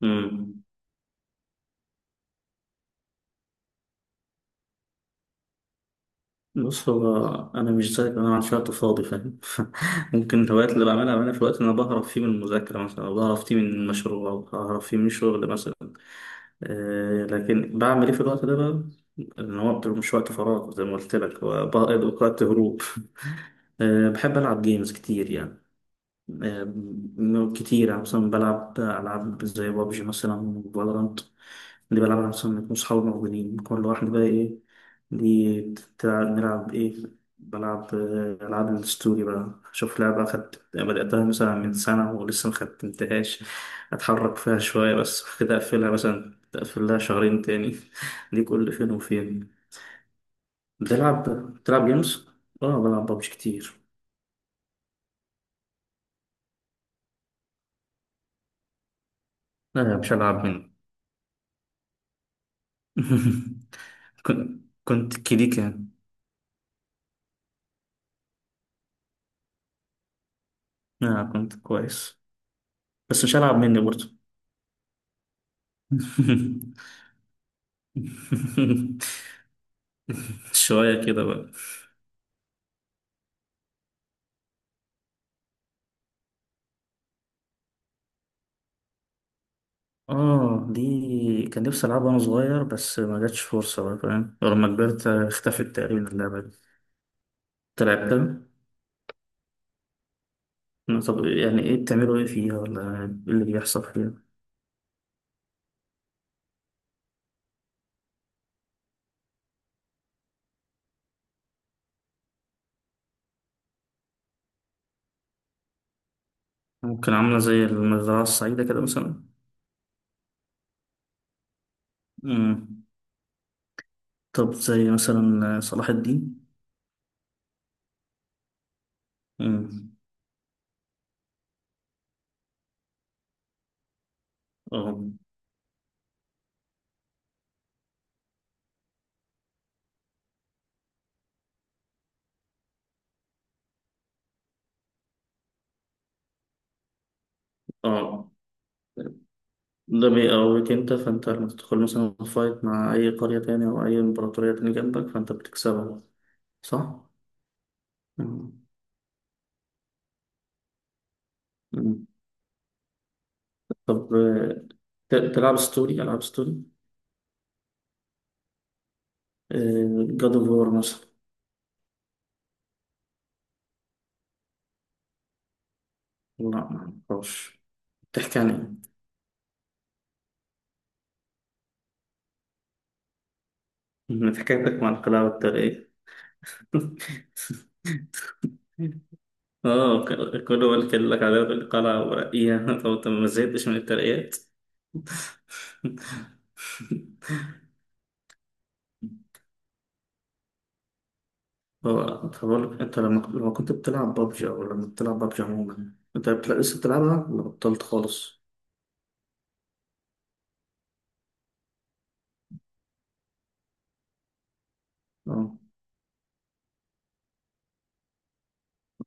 مم. بص هو انا مش زيك. انا ما عنديش وقت فاضي، فاهم؟ ممكن الهوايات اللي بعملها في وقت انا بهرب فيه من المذاكره مثلا، او بهرب فيه من مشروع، او بهرب فيه من شغل مثلا. لكن بعمل ايه في الوقت ده بقى؟ ان هو بتبقى مش وقت فراغ زي ما قلت لك، هو بقى وقت هروب. بحب العب جيمز كتير يعني. كتير يعني مثلا بلعب ألعاب زي بابجي مثلا وفالورانت. اللي بلعبها مثلا بيكون صحابي موجودين، كل واحد بقى إيه. دي نلعب إيه. بلعب ألعاب الستوري بقى. أشوف لعبة بدأتها مثلا من سنة ولسه مختمتهاش. أتحرك فيها شوية بس كده، أقفلها مثلا، أقفلها شهرين تاني. دي كل فين وفين. بتلعب بتلعب جيمز؟ آه بلعب بابجي كتير. لا مش هلعب منه. كنت كيديك يعني. آه كنت كويس. بس مش هلعب مني برضه. شوية كده بقى. اه، دي كان نفسي ألعبها وأنا صغير، بس ما جاتش فرصة بقى فاهم. ولما كبرت اختفت تقريبا اللعبة دي. أنت لعبتها؟ طب يعني ايه بتعملوا ايه فيها ولا ايه اللي بيحصل فيها؟ ممكن عاملة زي المزرعة السعيدة كده مثلا. مم. طب زي مثلا صلاح الدين. مم. اه، اه، ده بيقويك انت، فانت لما تدخل مثلا فايت مع اي قرية تانية او اي امبراطورية تانية جنبك فانت بتكسبها، صح؟ مم. مم. طب تلعب ستوري، العاب ستوري. جاد اوف وور مثلا. لا ما اعرفش. بتحكي عن ايه؟ من حكايتك مع القلاع والترقية. اه، كله قال لك على القلعة ورقية. طب انت ما زهقتش من الترقيات؟ هو. طب أقول لك، أنت لما كنت بتلعب بابجي أو لما بتلعب بابجي عموما، أنت لسه بتلعبها ولا بطلت خالص؟ أه،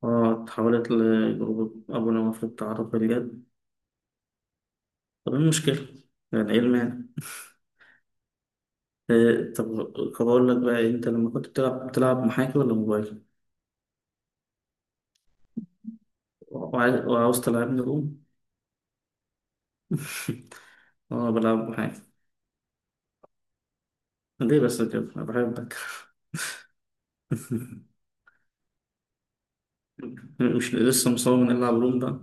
أه، اتحولت لجروب أبو نواف للتعرف بالجد. طب إيه المشكلة؟ يعني إيه المانع؟ إيه، طب أقول لك بقى إيه، أنت لما كنت بتلعب محاكي ولا موبايل؟ وعاوز تلعبني روم؟ أه بلعب محاكي. ليه بس كده؟ أنا بحبك. مش لسه مصمم إني ألعب روم بقى.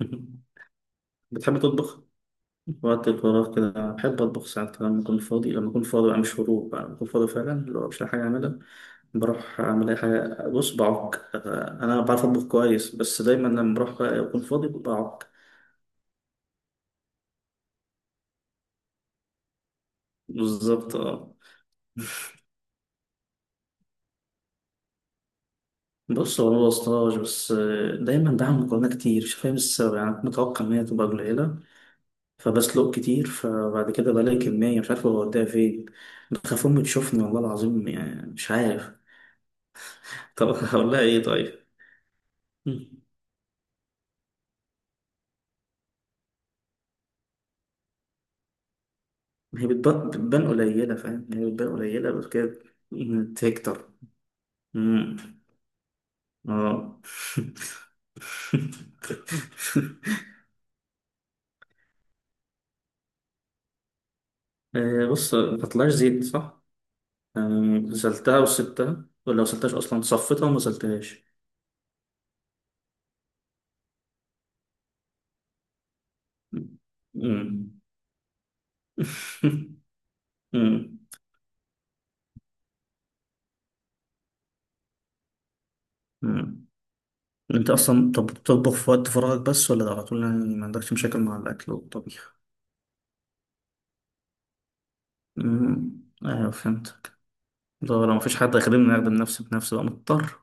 بتحب تطبخ؟ وقت الفراغ كده بحب أطبخ ساعات كده لما أكون فاضي بقى مش هروب بقى، لما أكون فاضي فعلا، اللي هو مش لاقي حاجة أعملها، بروح أعمل أي حاجة. بص، بعك. أنا بعرف أطبخ كويس بس دايما لما بروح بقى أكون فاضي بعك. بالظبط أه. بص هو أنا مبوظتهاش بس دايما بعمل مكرونة كتير، مش فاهم السبب. يعني كنت متوقع إن هي تبقى قليلة، فبسلق كتير، فبعد كده بلاقي كمية مش عارف أوديها فين. بخاف أمي تشوفني والله العظيم، يعني مش عارف. طب هقول لها إيه طيب؟ ما هي بتبان قليلة فاهم، هي بتبان قليلة بس كده. تكتر. مم. اه. بص ما طلعش زيت صح؟ غسلتها وسبتها ولا غسلتهاش أصلا؟ صفيتها وما غسلتهاش. مم. مم. مم. أنت أصلا طب بتطبخ في وقت فراغك بس ولا على طول؟ يعني ما عندكش مشاكل مع الأكل والطبيخ؟ مم. أيوه فهمتك. لو مفيش حد هيخدمني أخدم نفسي بنفسي بقى مضطر.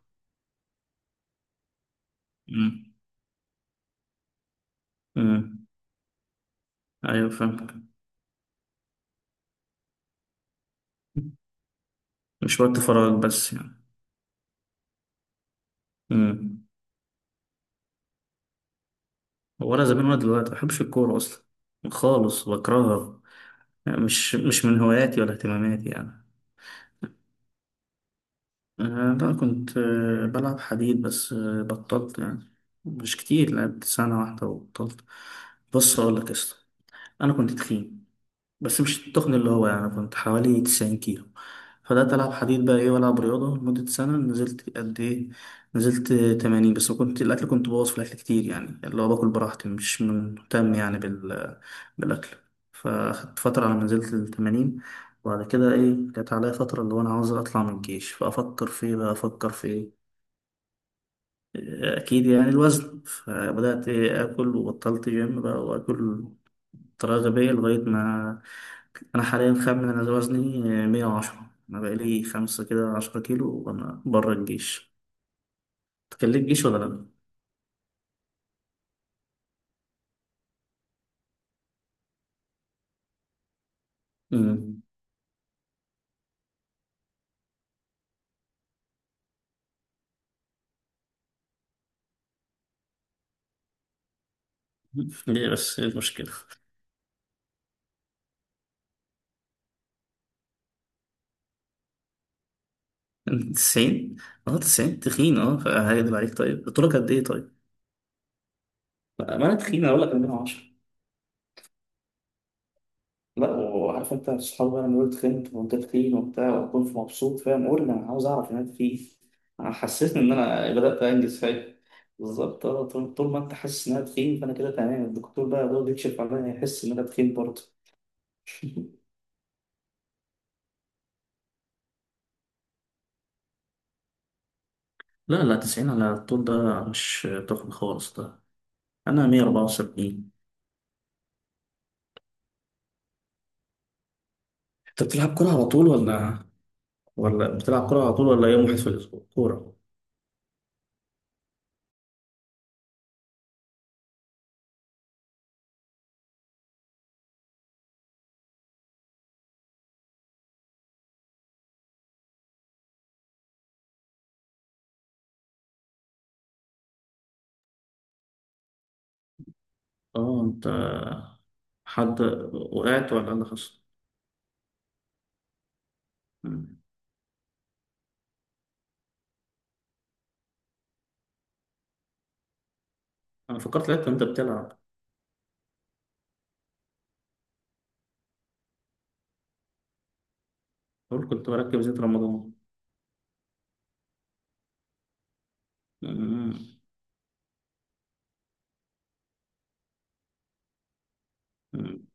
مم. مم. ايوه فاهمك. مش وقت فراغ بس يعني. امم ولا زمان ولا دلوقتي، ما بحبش الكورة أصلا، خالص بكرهها. يعني مش من هواياتي ولا اهتماماتي يعني. لا، كنت بلعب حديد بس بطلت يعني. مش كتير، لعبت سنة واحدة وبطلت. بص أقول لك يا اسطى، أنا كنت تخين. بس مش التخن اللي هو، يعني كنت حوالي 90 كيلو. فبدأت ألعب حديد بقى إيه وألعب رياضة لمدة سنة، نزلت قد إيه؟ نزلت 80. بس كنت بوظ في الأكل كتير، يعني اللي هو باكل براحتي مش مهتم يعني بالأكل. فأخدت فترة على ما نزلت ل 80. وبعد كده إيه جت عليا فترة اللي هو أنا عاوز أطلع من الجيش، فأفكر في إيه بقى أفكر في إيه. أكيد يعني الوزن. فبدأت إيه آكل وبطلت جيم بقى وآكل، طريقة غبية لغاية ما. أنا حاليا خامن أنا وزني 110. أنا بقالي خمسة كده 10 كيلو وأنا بره الجيش. تكلم جيش ولا لأ؟ مم. ليه بس إيه المشكلة؟ 90؟ أه 90 تخين أه. هيكدب عليك، طيب قلت له قد إيه طيب؟ ما أنا تخين أقول لك 110. لا، وعارف انت الصحاب بقى لما يقولوا تخنت وانت تخين وبتاع، واكون في مبسوط فاهم، قول لي انا عاوز اعرف ان انت فيه. انا حسيت ان انا بدات انجز فاهم. بالظبط، طول ما انت حاسس ان انا تخين فانا كده تمام. الدكتور بقى يقعد يكشف عليا يحس ان انا تخين برضه. لا لا، 90 على الطول ده مش تخن خالص ده. أنا 174. أنت بتلعب كورة على طول ولا؟ ولا بتلعب كورة على طول ولا يوم واحد في الأسبوع كورة؟ أه، أنت، حد، وقعت ولا اللي حصل؟ انا فكرت لقيت انت بتلعب. قول، كنت بركب زيت رمضان. أمم. أمم.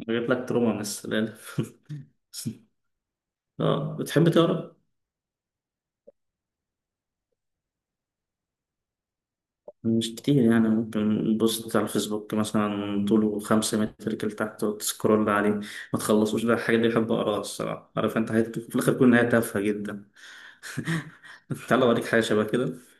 جايب لك تروما من السلالم. اه بتحب تقرا؟ مش كتير يعني، ممكن بوست على الفيسبوك مثلا طوله 5 متر كده تحت وتسكرول عليه ما تخلصوش. ده الحاجات دي بحب اقراها، الصراحة عارف انت حاجات في الآخر كل نهاية تافهة جدا. تعالى اوريك حاجة شبه كده.